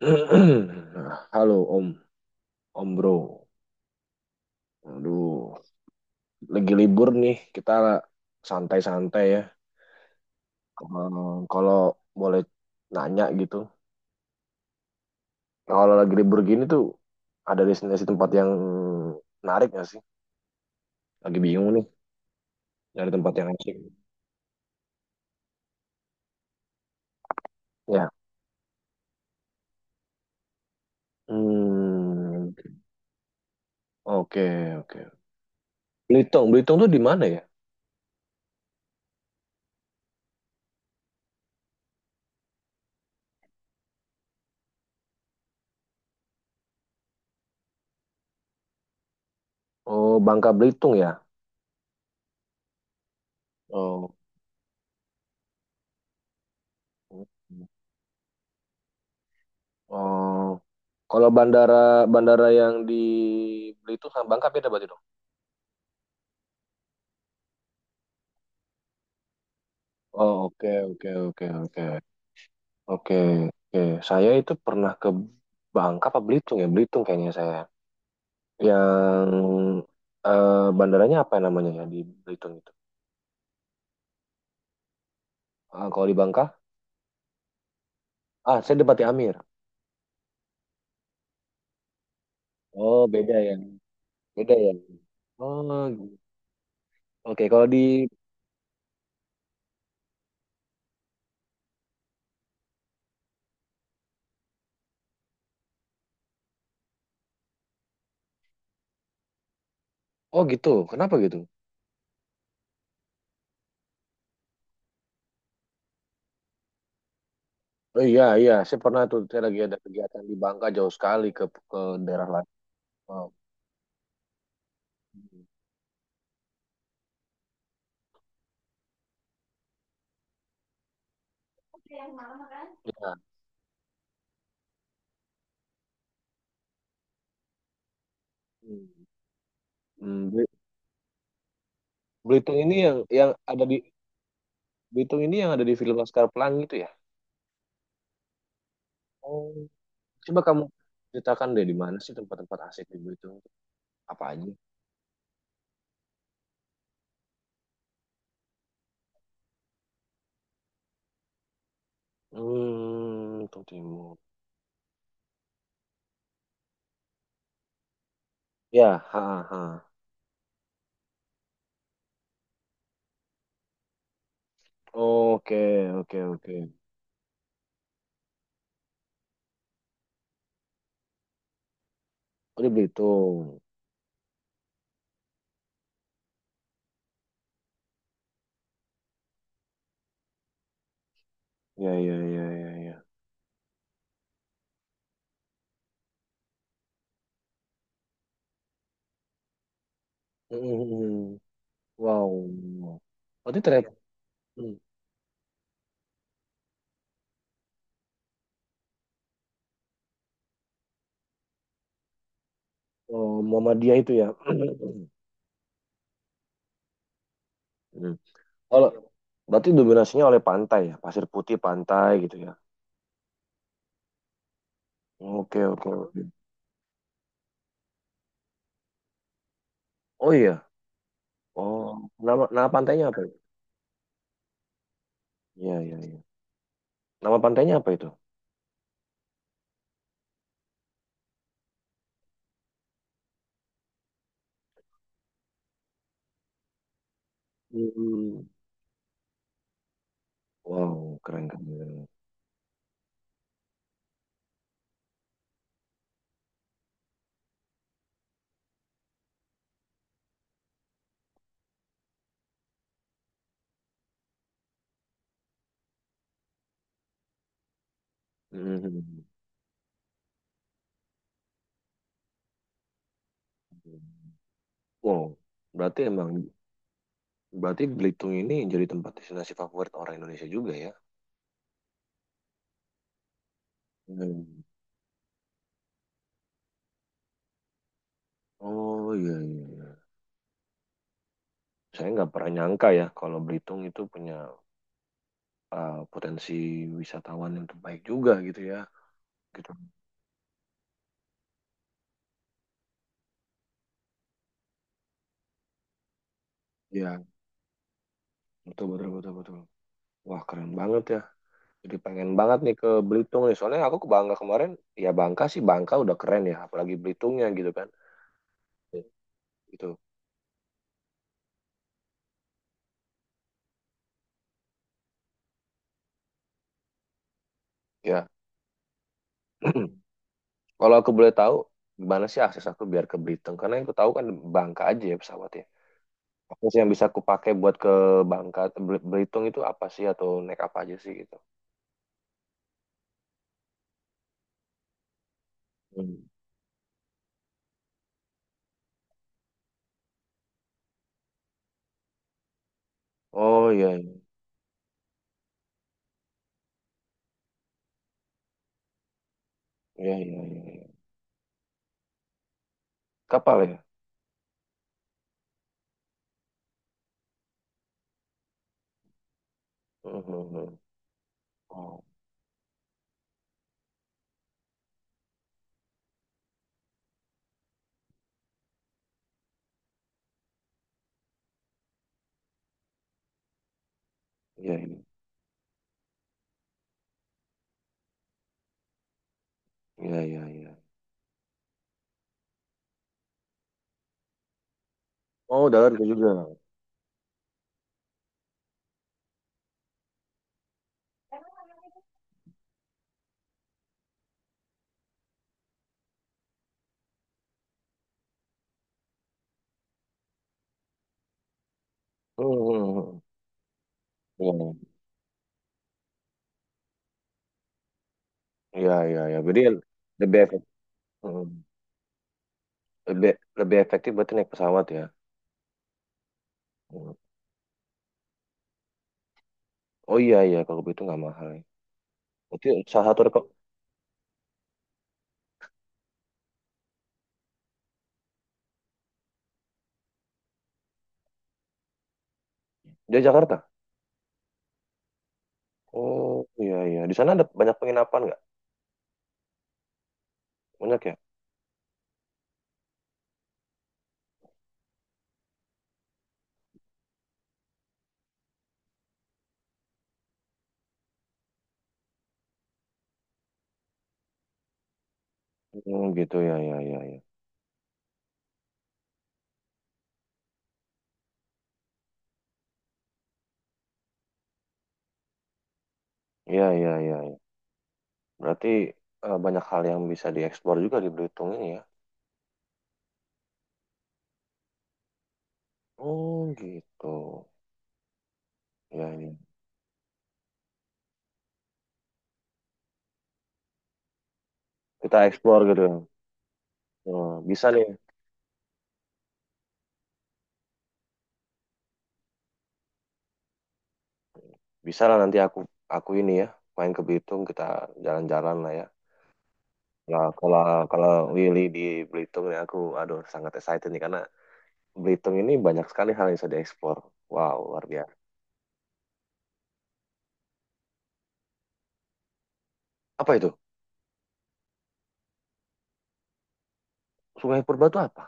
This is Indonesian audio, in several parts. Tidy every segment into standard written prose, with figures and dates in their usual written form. Halo Om, Om Bro. Aduh, lagi libur nih, kita santai-santai ya. Ehm, kalau boleh nanya gitu. Nah, kalau lagi libur gini tuh ada destinasi tempat yang menarik nggak sih? Lagi bingung nih, nyari tempat yang asik. Ya. Hmm, oke, oke. Belitung, tuh di mana ya? Oh, Bangka Belitung ya. Oh. Oh, kalau bandara bandara yang di Beli itu sama Bangka beda berarti dong. Oh, oke, oke, oke, oke. Oke, oke. Saya itu pernah ke Bangka apa Belitung ya? Belitung kayaknya saya. Yang bandaranya apa namanya ya di Belitung itu? Ah, kalau di Bangka? Ah, saya di Bati Amir. Oh, beda ya. Beda ya. Oh, oke. Kalau di oh gitu. Kenapa gitu? Oh iya, iya, saya pernah tuh saya lagi ada kegiatan di Bangka jauh sekali ke daerah lain. Wow. Ya. Hmm. Hmm, Bel- Belitung ini yang ada di Belitung ini yang ada di film Laskar Pelangi itu ya? Oh, coba kamu ceritakan deh di mana sih tempat-tempat asik di Belitung itu? Apa aja? Hmm, Belitung Timur. Ya, ha ha, ha. Oke, oke, oke. Oh, di Belitung. Ya, ya, ya, ya, ya. Hmm. Wow. Berarti ternyata hmm. Oh, Muhammadiyah itu ya. Hmm. Kalau berarti dominasinya oleh pantai ya, pasir putih pantai gitu ya. Oke, oke, oke. Oh iya. Oh, nama nama pantainya apa ya? Iya, iya, iya. Nama pantainya apa itu? Hmm. Wow, keren, keren. Hmm. Wow, berarti emang berarti Belitung ini jadi tempat destinasi favorit orang Indonesia juga ya? Hmm. Oh iya, iya, iya. Saya nggak pernah nyangka ya kalau Belitung itu punya potensi wisatawan yang terbaik juga gitu ya. Gitu. Iya, betul, betul, betul, betul. Wah, keren banget ya. Jadi pengen banget nih ke Belitung nih. Soalnya aku ke Bangka kemarin, ya Bangka sih Bangka udah keren ya, apalagi Belitungnya gitu kan. Gitu. Ya. Kalau aku boleh tahu gimana sih akses aku biar ke Belitung? Karena yang aku tahu kan Bangka aja ya pesawatnya. Apa sih yang bisa aku pakai buat ke Bangka Bel- Belitung itu apa sih atau naik apa aja sih gitu? Hmm. Oh iya, iya, iya, iya, iya, iya. Kapal ya? Hmm, hmm, hmm. Oh iya, iya, iya, iya, iya. Oh darat juga. Hmm, hmm, hmm. Iya. Iya, iya, iya. Jadi lebih efektif. Lebih, lebih efektif berarti naik pesawat ya. Hmm. Oh iya, iya. Kalau begitu nggak mahal ya. Berarti salah satu reko- Dia Jakarta? Oh iya, iya. Di sana ada banyak penginapan nggak? Banyak ya? Hmm, gitu ya, ya, ya, ya. Iya, iya, iya, iya. Berarti banyak hal yang bisa dieksplor juga di Belitung ini ya. Oh gitu. Ya, ya. Kita eksplor gitu. Oh, bisa nih. Bisa lah nanti aku ini ya main ke Belitung kita jalan-jalan lah ya. Nah, kalau kalau Willy di Belitung nih aku aduh sangat excited nih karena Belitung ini banyak sekali hal yang bisa dieksplor. Wow, luar biasa. Apa itu? Sungai Purba itu apa?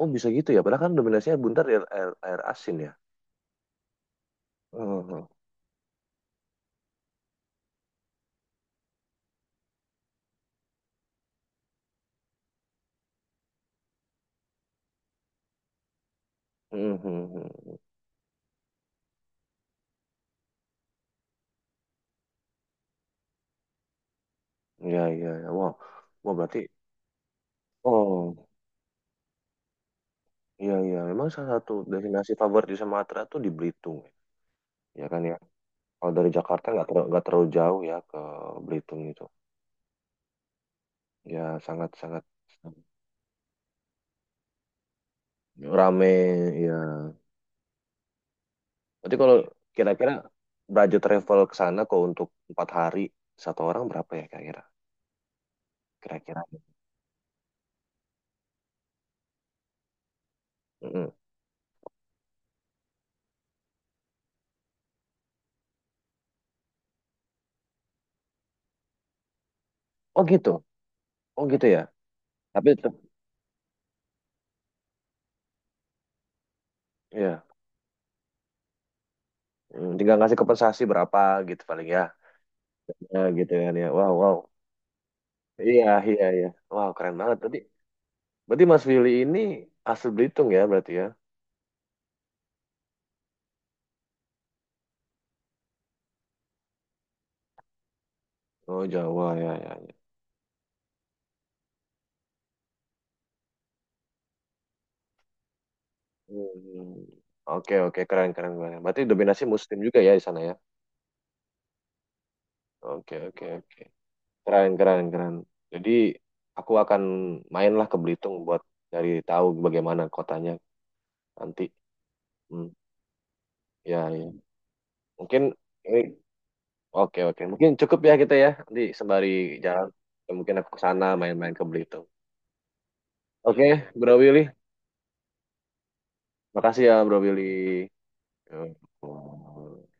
Oh, bisa gitu ya. Padahal kan dominasinya buntar di air, air, air asin ya. Mhm. Mhm. Iya, iya, iya. Wow. Wow, berarti oh, iya, iya. Memang salah satu destinasi favorit di Sumatera tuh di Belitung. Ya kan ya. Kalau dari Jakarta nggak terlalu jauh ya ke Belitung itu. Ya, sangat sangat rame ya. Berarti kalau kira-kira budget travel ke sana kok untuk 4 hari satu orang berapa ya kira-kira? Kira-kira. Mm-mm. Oh gitu, oh gitu ya. Tapi tetap ya, mm, tinggal ngasih kompensasi berapa gitu paling ya. Ya gitu kan ya. Wow, wow. Iya, iya, iya. Wow, keren banget. Berarti, berarti Mas Willy ini asli Belitung ya berarti ya? Oh Jawa ya, ya, ya. Hmm. Oke, oke, keren, keren, keren. Berarti dominasi Muslim juga ya di sana ya? Oke, oke, oke. Keren, keren, keren, jadi aku akan mainlah ke Belitung buat cari tahu bagaimana kotanya nanti. Hmm, ya ya mungkin ini oke oke mungkin cukup ya kita ya nanti sembari jalan ya, mungkin aku ke sana main-main ke Belitung. Oke Bro Willy, makasih ya Bro Willy. Ya.